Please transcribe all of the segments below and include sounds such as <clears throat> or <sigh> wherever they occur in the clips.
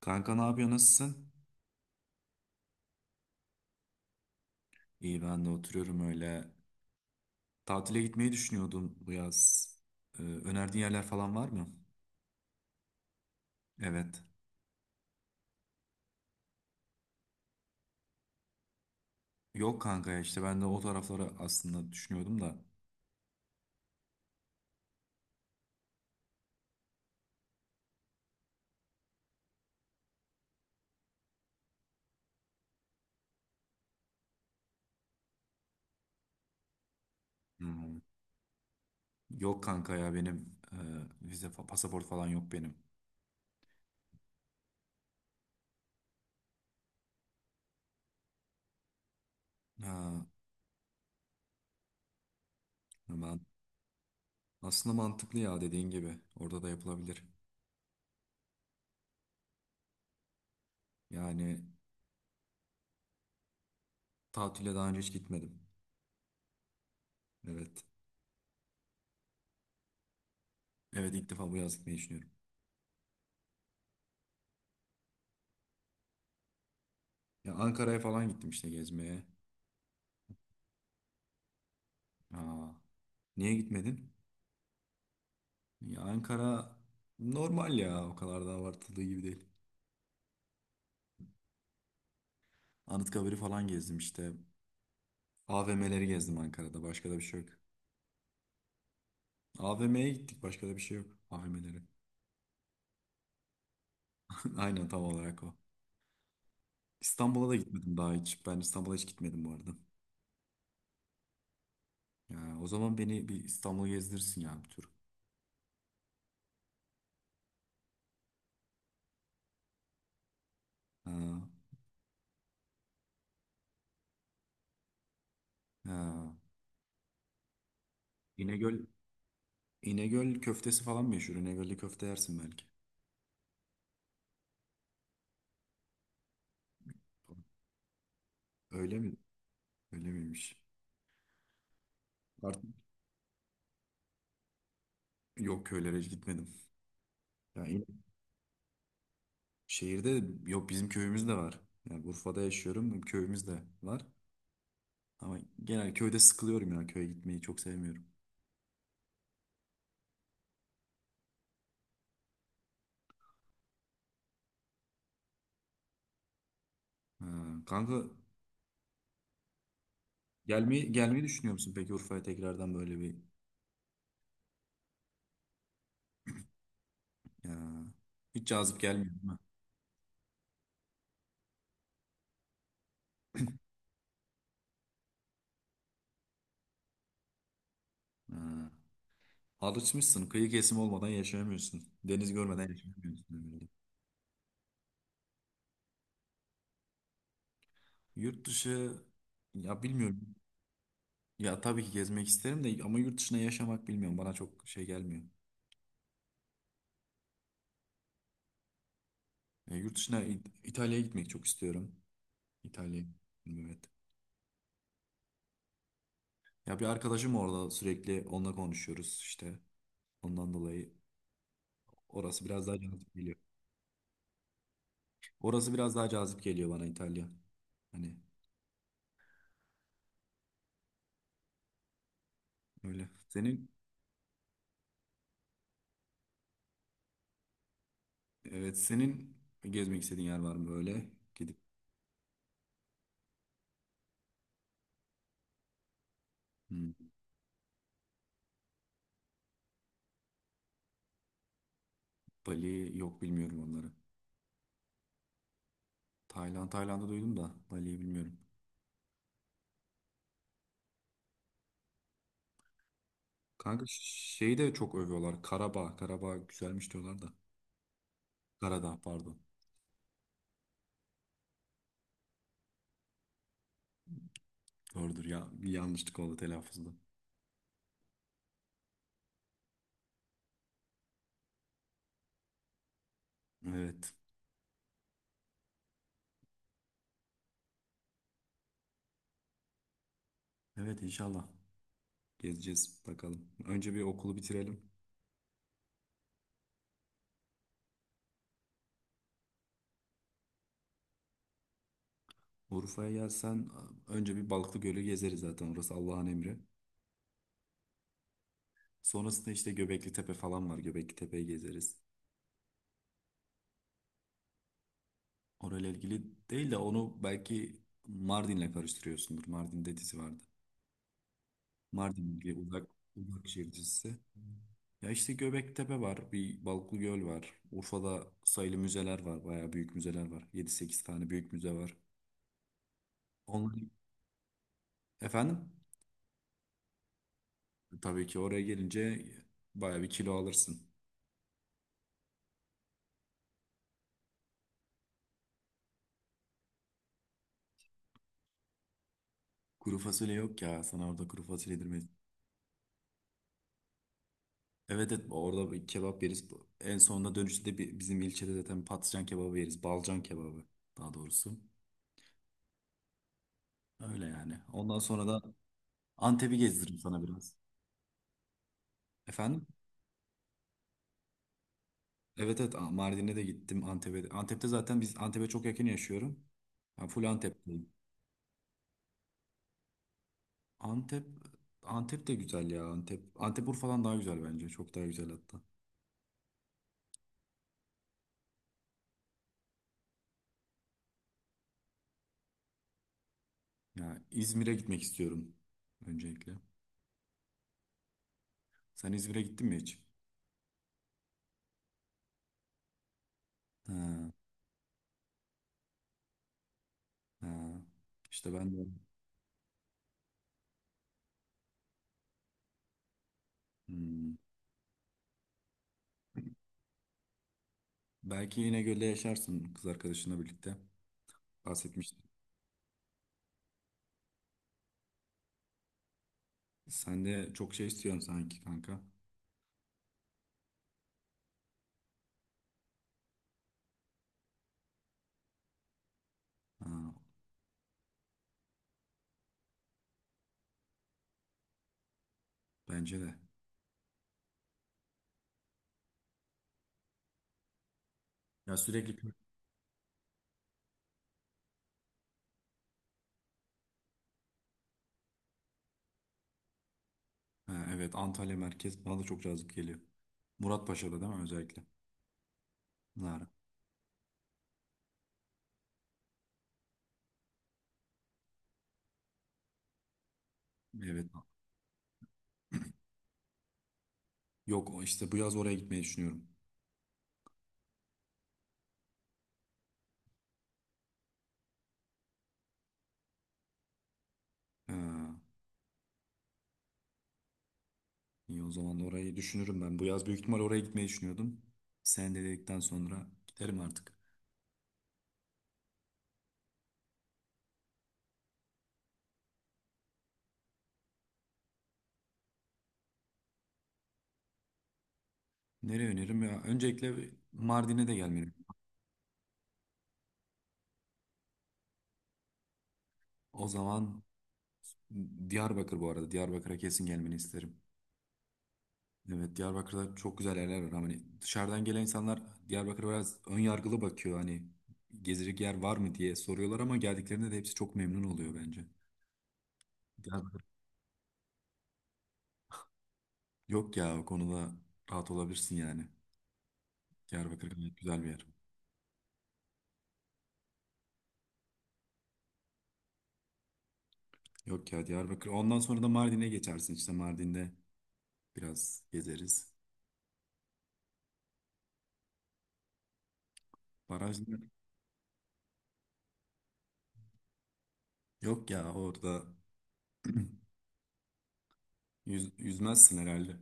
Kanka ne yapıyor, nasılsın? İyi, ben de oturuyorum öyle. Tatile gitmeyi düşünüyordum bu yaz. Önerdiğin yerler falan var mı? Evet. Yok kanka ya, işte ben de o tarafları aslında düşünüyordum da. Hmm. Yok kanka ya, benim vize fa- pasaport falan yok benim. Ha, ben, aslında mantıklı ya dediğin gibi. Orada da yapılabilir. Yani tatile daha önce hiç gitmedim. Evet. Evet, ilk defa bu yaz gitmeyi düşünüyorum. Ya Ankara'ya falan gittim işte gezmeye. Aa, niye gitmedin? Ya Ankara normal ya, o kadar da abartıldığı gibi değil. Anıtkabir'i falan gezdim işte. AVM'leri gezdim, Ankara'da başka da bir şey yok. AVM'ye gittik, başka da bir şey yok. AVM'leri. <laughs> Aynen, tam olarak o. İstanbul'a da gitmedim daha hiç. Ben İstanbul'a hiç gitmedim bu arada. Ya, o zaman beni bir İstanbul'u gezdirsin ya, bir tur. Ha, ha. İnegöl, İnegöl köftesi falan meşhur. İnegöl'de köfte yersin belki. Öyle mi? Öyle miymiş? Artık yok, köylere hiç gitmedim. Ya şehirde de- yok, bizim köyümüz de var. Yani Urfa'da yaşıyorum. Köyümüz de var. Ama genel köyde sıkılıyorum ya. Köye gitmeyi çok sevmiyorum. Ha, kanka, gelmeyi düşünüyor musun peki Urfa'ya tekrardan böyle bir ya, hiç cazip gelmiyor değil mi? Ha, alışmışsın. Kıyı kesimi olmadan yaşayamıyorsun. Deniz görmeden yaşayamıyorsun herhalde. Yurt dışı ya, bilmiyorum. Ya tabii ki gezmek isterim de ama yurt dışına yaşamak bilmiyorum. Bana çok şey gelmiyor. Ya, yurt dışına İ- İtalya'ya gitmek çok istiyorum. İtalya. Evet. Ya bir arkadaşım orada, sürekli onunla konuşuyoruz işte. Ondan dolayı orası biraz daha cazip geliyor. Orası biraz daha cazip geliyor bana İtalya. Hani öyle. Senin evet, senin gezmek istediğin yer var mı böyle? Gidip hmm, Bali yok, bilmiyorum onları. Tayland, Tayland'ı duydum da Bali'yi bilmiyorum. Kanka şeyi de çok övüyorlar. Karabağ. Karabağ güzelmiş diyorlar da. Karadağ pardon. Doğrudur ya. Bir yanlışlık oldu telaffuzda. Evet. Evet, inşallah. Gezeceğiz bakalım. Önce bir okulu bitirelim. Urfa'ya gelsen önce bir Balıklıgöl'ü gezeriz, zaten orası Allah'ın emri. Sonrasında işte Göbekli Tepe falan var. Göbekli Tepe'yi gezeriz. Orayla ilgili değil de, onu belki Mardin'le karıştırıyorsundur. Mardin'de dizi vardı. Mardin diye uzak, uzak şehir dizisi. Ya işte Göbekli Tepe var. Bir Balıklıgöl var. Urfa'da sayılı müzeler var. Bayağı büyük müzeler var. 7-8 tane büyük müze var. Onlar... Efendim? Tabii ki oraya gelince bayağı bir kilo alırsın. Kuru fasulye yok ya. Sana orada kuru fasulye yedirmeyiz. Evet, evet, orada bir kebap yeriz. En sonunda dönüşte de bi- bizim ilçede zaten patlıcan kebabı yeriz. Balcan kebabı daha doğrusu. Öyle yani. Ondan sonra da Antep'i gezdiririm sana biraz. Efendim? Evet, evet, A- Mardin'e de gittim, Antep'e. De- Antep'te zaten biz, Antep'e çok yakın yaşıyorum. Ben full Antep'teyim. Antep Antep de güzel ya Antep. Antep Urfa'dan daha güzel bence. Çok daha güzel hatta. Ya İzmir'e gitmek istiyorum öncelikle. Sen İzmir'e gittin mi hiç? Ha. Ha, işte ben de hmm. Belki yine gölde yaşarsın kız arkadaşınla birlikte. Bahsetmiştim. Sen de çok şey istiyorsun sanki kanka. Ha, bence de. Ya sürekli ha, evet, Antalya merkez bana da çok cazip geliyor. Muratpaşa'da değil mi özellikle? Lara. Evet. Yok, o işte bu yaz oraya gitmeyi düşünüyorum. Ha, iyi, o zaman orayı düşünürüm ben. Bu yaz büyük ihtimal oraya gitmeyi düşünüyordum. Sen de dedikten sonra giderim artık. Nereye öneririm ya? Öncelikle bir Mardin'e de gelmeli. O zaman Diyarbakır bu arada. Diyarbakır'a kesin gelmeni isterim. Evet, Diyarbakır'da çok güzel yerler var. Hani dışarıdan gelen insanlar Diyarbakır'a biraz ön yargılı bakıyor. Hani gezecek yer var mı diye soruyorlar, ama geldiklerinde de hepsi çok memnun oluyor bence. Diyarbakır. Yok ya, o konuda rahat olabilirsin yani. Diyarbakır gayet güzel bir yer. Yok ya, Diyarbakır. Ondan sonra da Mardin'e geçersin. İşte Mardin'de biraz gezeriz. Barajlar. Yok ya, orada <clears throat> yüzmezsin herhalde.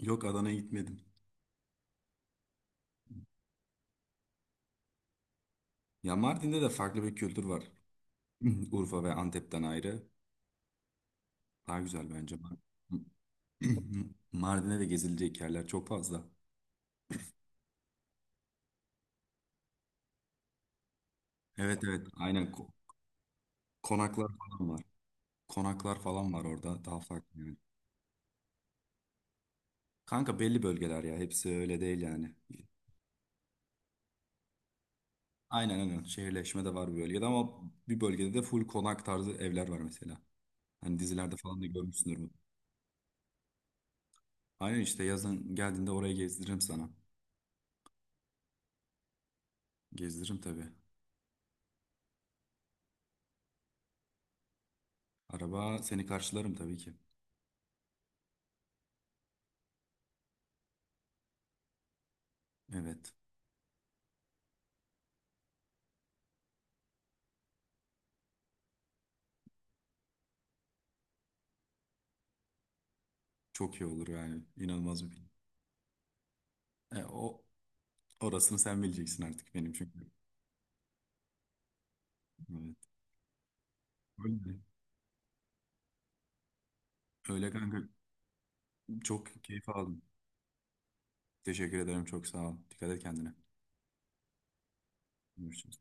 Yok, Adana'ya gitmedim. Ya Mardin'de de farklı bir kültür var. <clears throat> Urfa ve Antep'ten ayrı. Daha güzel bence. Mar- <clears throat> Mardin'de de gezilecek yerler çok fazla. Evet, evet, aynen, Ko- konaklar falan var. Konaklar falan var orada, daha farklı yani. Kanka belli bölgeler ya, hepsi öyle değil yani. Aynen, aynen, şehirleşme de var bir bölgede, ama bir bölgede de full konak tarzı evler var mesela. Hani dizilerde falan da görmüşsündür bu. Aynen, işte yazın geldiğinde orayı gezdiririm sana. Gezdiririm tabii. Araba, seni karşılarım tabii ki. Evet. Çok iyi olur yani. İnanılmaz bir film. O orasını sen bileceksin artık, benim çünkü. Evet. Öyle. Öyle kanka. Çok keyif aldım. Teşekkür ederim. Çok sağ ol. Dikkat et kendine. Görüşürüz.